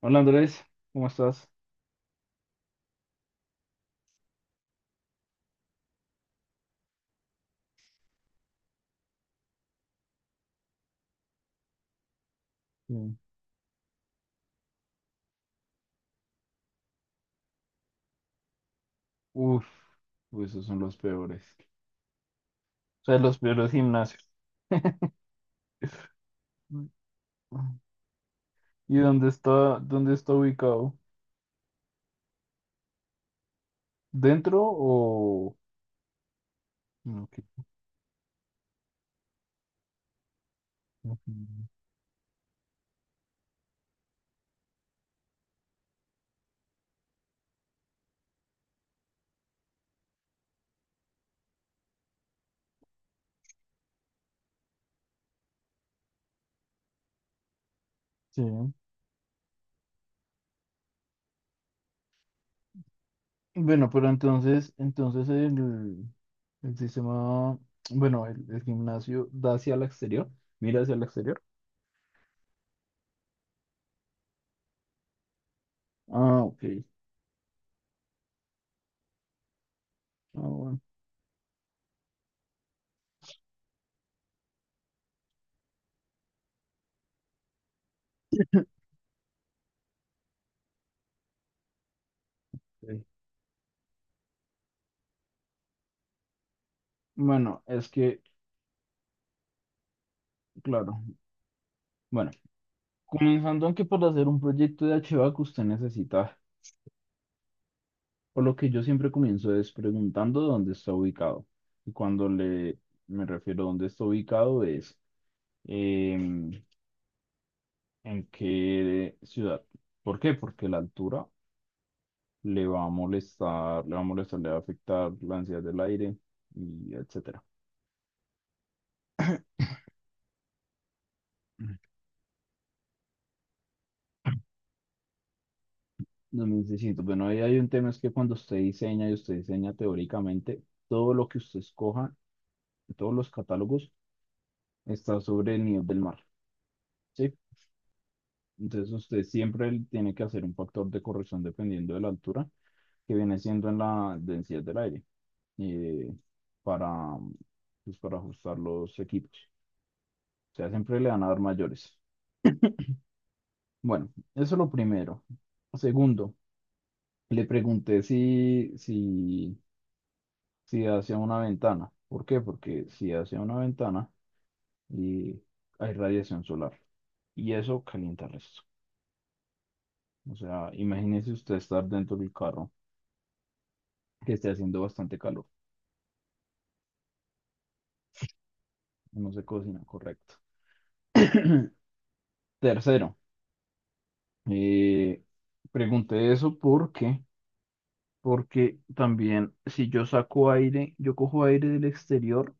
Hola Andrés, ¿cómo estás? Mm. Uf, uy, esos son los peores. O sea, los peores gimnasios. Mm. ¿Y dónde está ubicado? ¿Dentro o? ¿No? Ok. Ujú. Sí, bueno, pero entonces el sistema, bueno, el gimnasio da hacia el exterior, mira hacia el exterior. Ah, ok. Ah, bueno. Sí. Bueno, es que, claro. Bueno. Comenzando aunque por hacer un proyecto de archivo que usted necesita, por lo que yo siempre comienzo es preguntando dónde está ubicado. Y cuando le me refiero a dónde está ubicado es em, en qué ciudad. ¿Por qué? Porque la altura le va a molestar, le va a afectar la ansiedad del aire y etcétera. No me necesito. Bueno, ahí hay un tema es que cuando usted diseña y usted diseña teóricamente, todo lo que usted escoja, todos los catálogos, está sobre el nivel del mar. Sí, entonces usted siempre tiene que hacer un factor de corrección dependiendo de la altura, que viene siendo en la densidad del aire, eh, para, para ajustar los equipos. O sea, siempre le van a dar mayores. Bueno, eso es lo primero. Segundo, le pregunté si hacia una ventana. ¿Por qué? Porque si hacia una ventana y hay radiación solar y eso calienta el resto. O sea, imagínese usted estar dentro del carro que esté haciendo bastante calor. No se cocina, correcto. Tercero, eh, pregunté eso porque también si yo saco aire, yo cojo aire del exterior,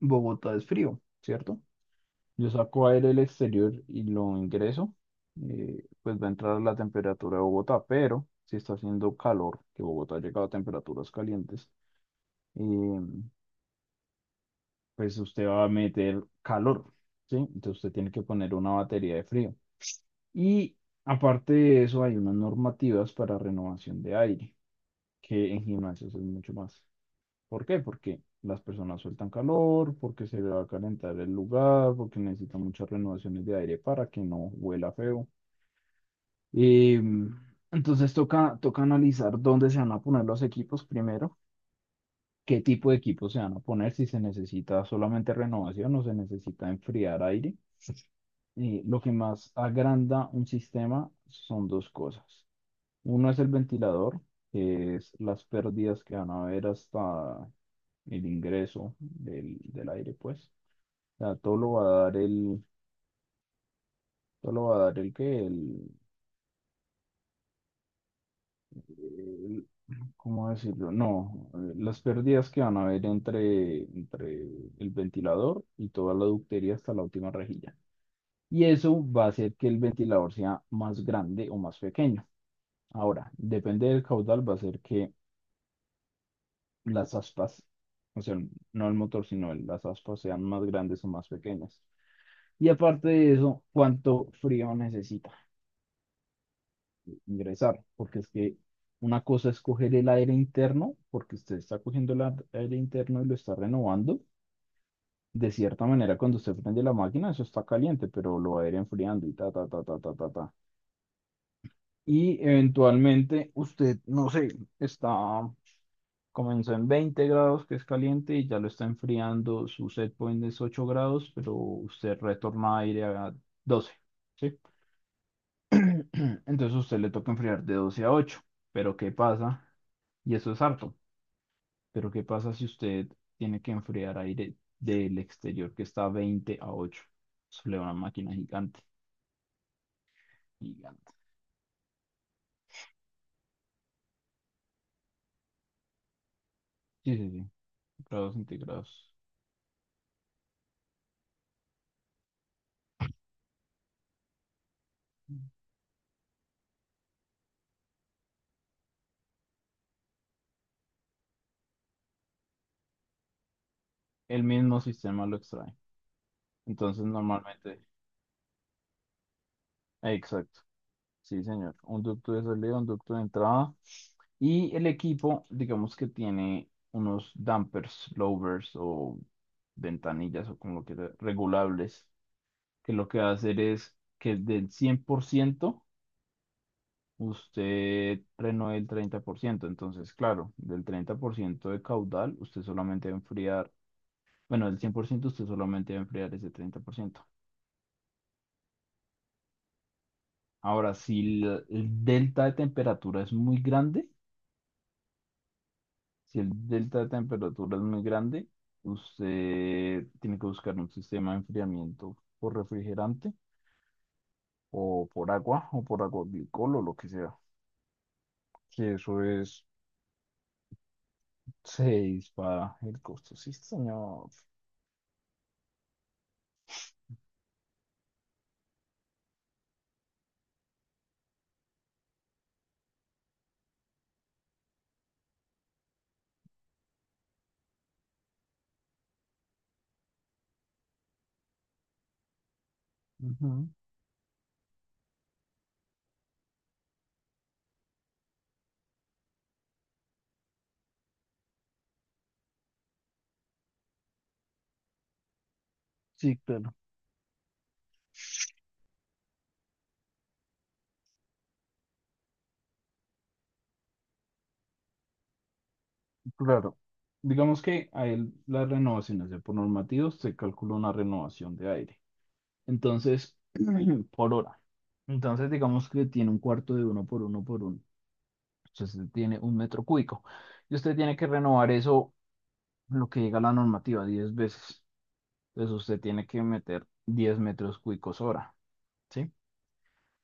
Bogotá es frío, ¿cierto? Yo saco aire del exterior y lo ingreso. Pues va a entrar la temperatura de Bogotá, pero si está haciendo calor, que Bogotá ha llegado a temperaturas calientes, eh, pues usted va a meter calor, ¿sí? Entonces usted tiene que poner una batería de frío. Y aparte de eso, hay unas normativas para renovación de aire, que en gimnasios es mucho más. ¿Por qué? Porque las personas sueltan calor, porque se va a calentar el lugar, porque necesitan muchas renovaciones de aire para que no huela feo. Em, entonces toca analizar dónde se van a poner los equipos primero, qué tipo de equipos se van a poner, si se necesita solamente renovación o se necesita enfriar aire. Lo que más agranda un sistema son dos cosas. Uno es el ventilador, que es las pérdidas que van a haber hasta el ingreso del aire, pues. O sea, todo lo va a dar el que, el- ¿cómo decirlo? No, las pérdidas que van a haber entre el ventilador y toda la ductería hasta la última rejilla. Y eso va a hacer que el ventilador sea más grande o más pequeño. Ahora, depende del caudal, va a ser que las aspas, o sea, no el motor, sino las aspas sean más grandes o más pequeñas. Y aparte de eso, cuánto frío necesita ingresar, porque es que una cosa es coger el aire interno, porque usted está cogiendo el aire interno y lo está renovando. De cierta manera, cuando usted prende la máquina, eso está caliente, pero lo va a ir enfriando y ta, ta, ta, ta, ta, ta, ta. Y eventualmente usted, no sé, está. Comenzó en 20 grados, que es caliente, y ya lo está enfriando. Su set point es 8 grados, pero usted retorna aire a 12. ¿Sí? Entonces a usted le toca enfriar de 12 a 8. Pero ¿qué pasa? Y eso es harto. Pero ¿qué pasa si usted tiene que enfriar aire del exterior que está a 20 a 8. Eso le da una máquina gigante, gigante. Sí, sí, sí, grados centígrados. El mismo sistema lo extrae. Entonces normalmente, exacto. Sí, señor. Un ducto de salida, un ducto de entrada. Y el equipo, digamos que tiene unos dampers, lowers o ventanillas o como lo quiera, regulables, que lo que va a hacer es que del 100% usted frenó el 30%. Entonces, claro, del 30% de caudal, usted solamente va a enfriar, bueno, del 100% usted solamente va a enfriar ese 30%. Ahora, si el delta de temperatura es muy grande, si el delta de temperatura es muy grande, usted tiene que buscar un sistema de enfriamiento por refrigerante o por agua glicol o lo que sea. Que eso es, se dispara el costo. Sí, señor. Ujú. Sí, claro. Claro. Digamos que a él las renovaciones de por normativos se calcula una renovación de aire. Entonces, por hora. Entonces, digamos que tiene un cuarto de uno por uno por uno. Entonces tiene un metro cúbico. Y usted tiene que renovar eso, lo que llega a la normativa, 10 veces. Entonces usted tiene que meter 10 metros cúbicos hora, ¿sí?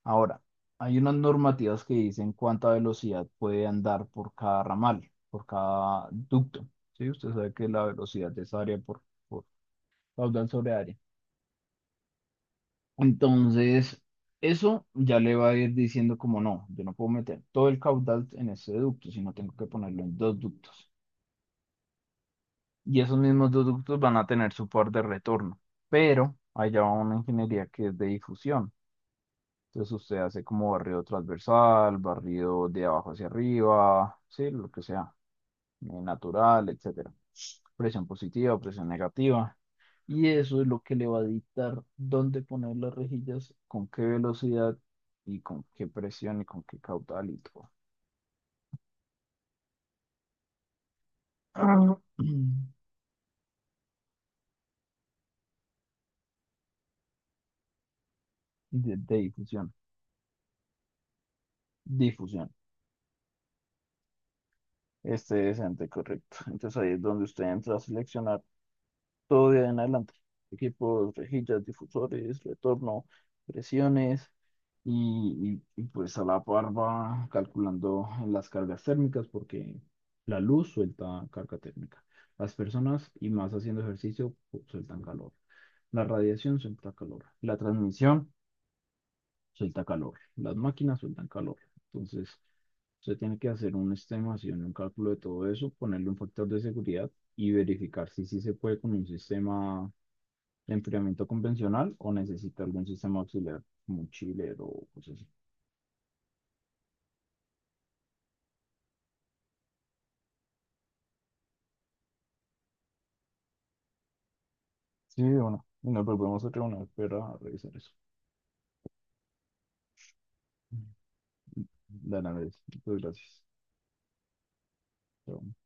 Ahora, hay unas normativas que dicen cuánta velocidad puede andar por cada ramal, por cada ducto, ¿sí? Usted sabe que la velocidad es área por caudal sobre área. Entonces, eso ya le va a ir diciendo como no, yo no puedo meter todo el caudal en ese ducto, sino tengo que ponerlo en dos ductos. Y esos mismos ductos van a tener su par de retorno, pero allá va una ingeniería que es de difusión. Entonces usted hace como barrido transversal, barrido de abajo hacia arriba, sí, lo que sea, natural, etcétera. Presión positiva, presión negativa. Y eso es lo que le va a dictar dónde poner las rejillas, con qué velocidad y con qué presión y con qué caudal y todo. De difusión. Difusión. Este decente, correcto. Entonces ahí es donde usted entra a seleccionar todo de ahí en adelante. Equipos, rejillas, difusores, retorno, presiones y, pues a la par va calculando las cargas térmicas porque la luz suelta carga térmica. Las personas y más haciendo ejercicio sueltan calor. La radiación suelta calor. La transmisión suelta calor. Las máquinas sueltan calor. Entonces, usted tiene que hacer una estimación, un cálculo de todo eso, ponerle un factor de seguridad y verificar si sí se puede con un sistema de enfriamiento convencional o necesita algún sistema auxiliar, como un chiller o cosas así. Sí, bueno, y nos volvemos a reunir para revisar eso. De nada, muchas gracias. Chao.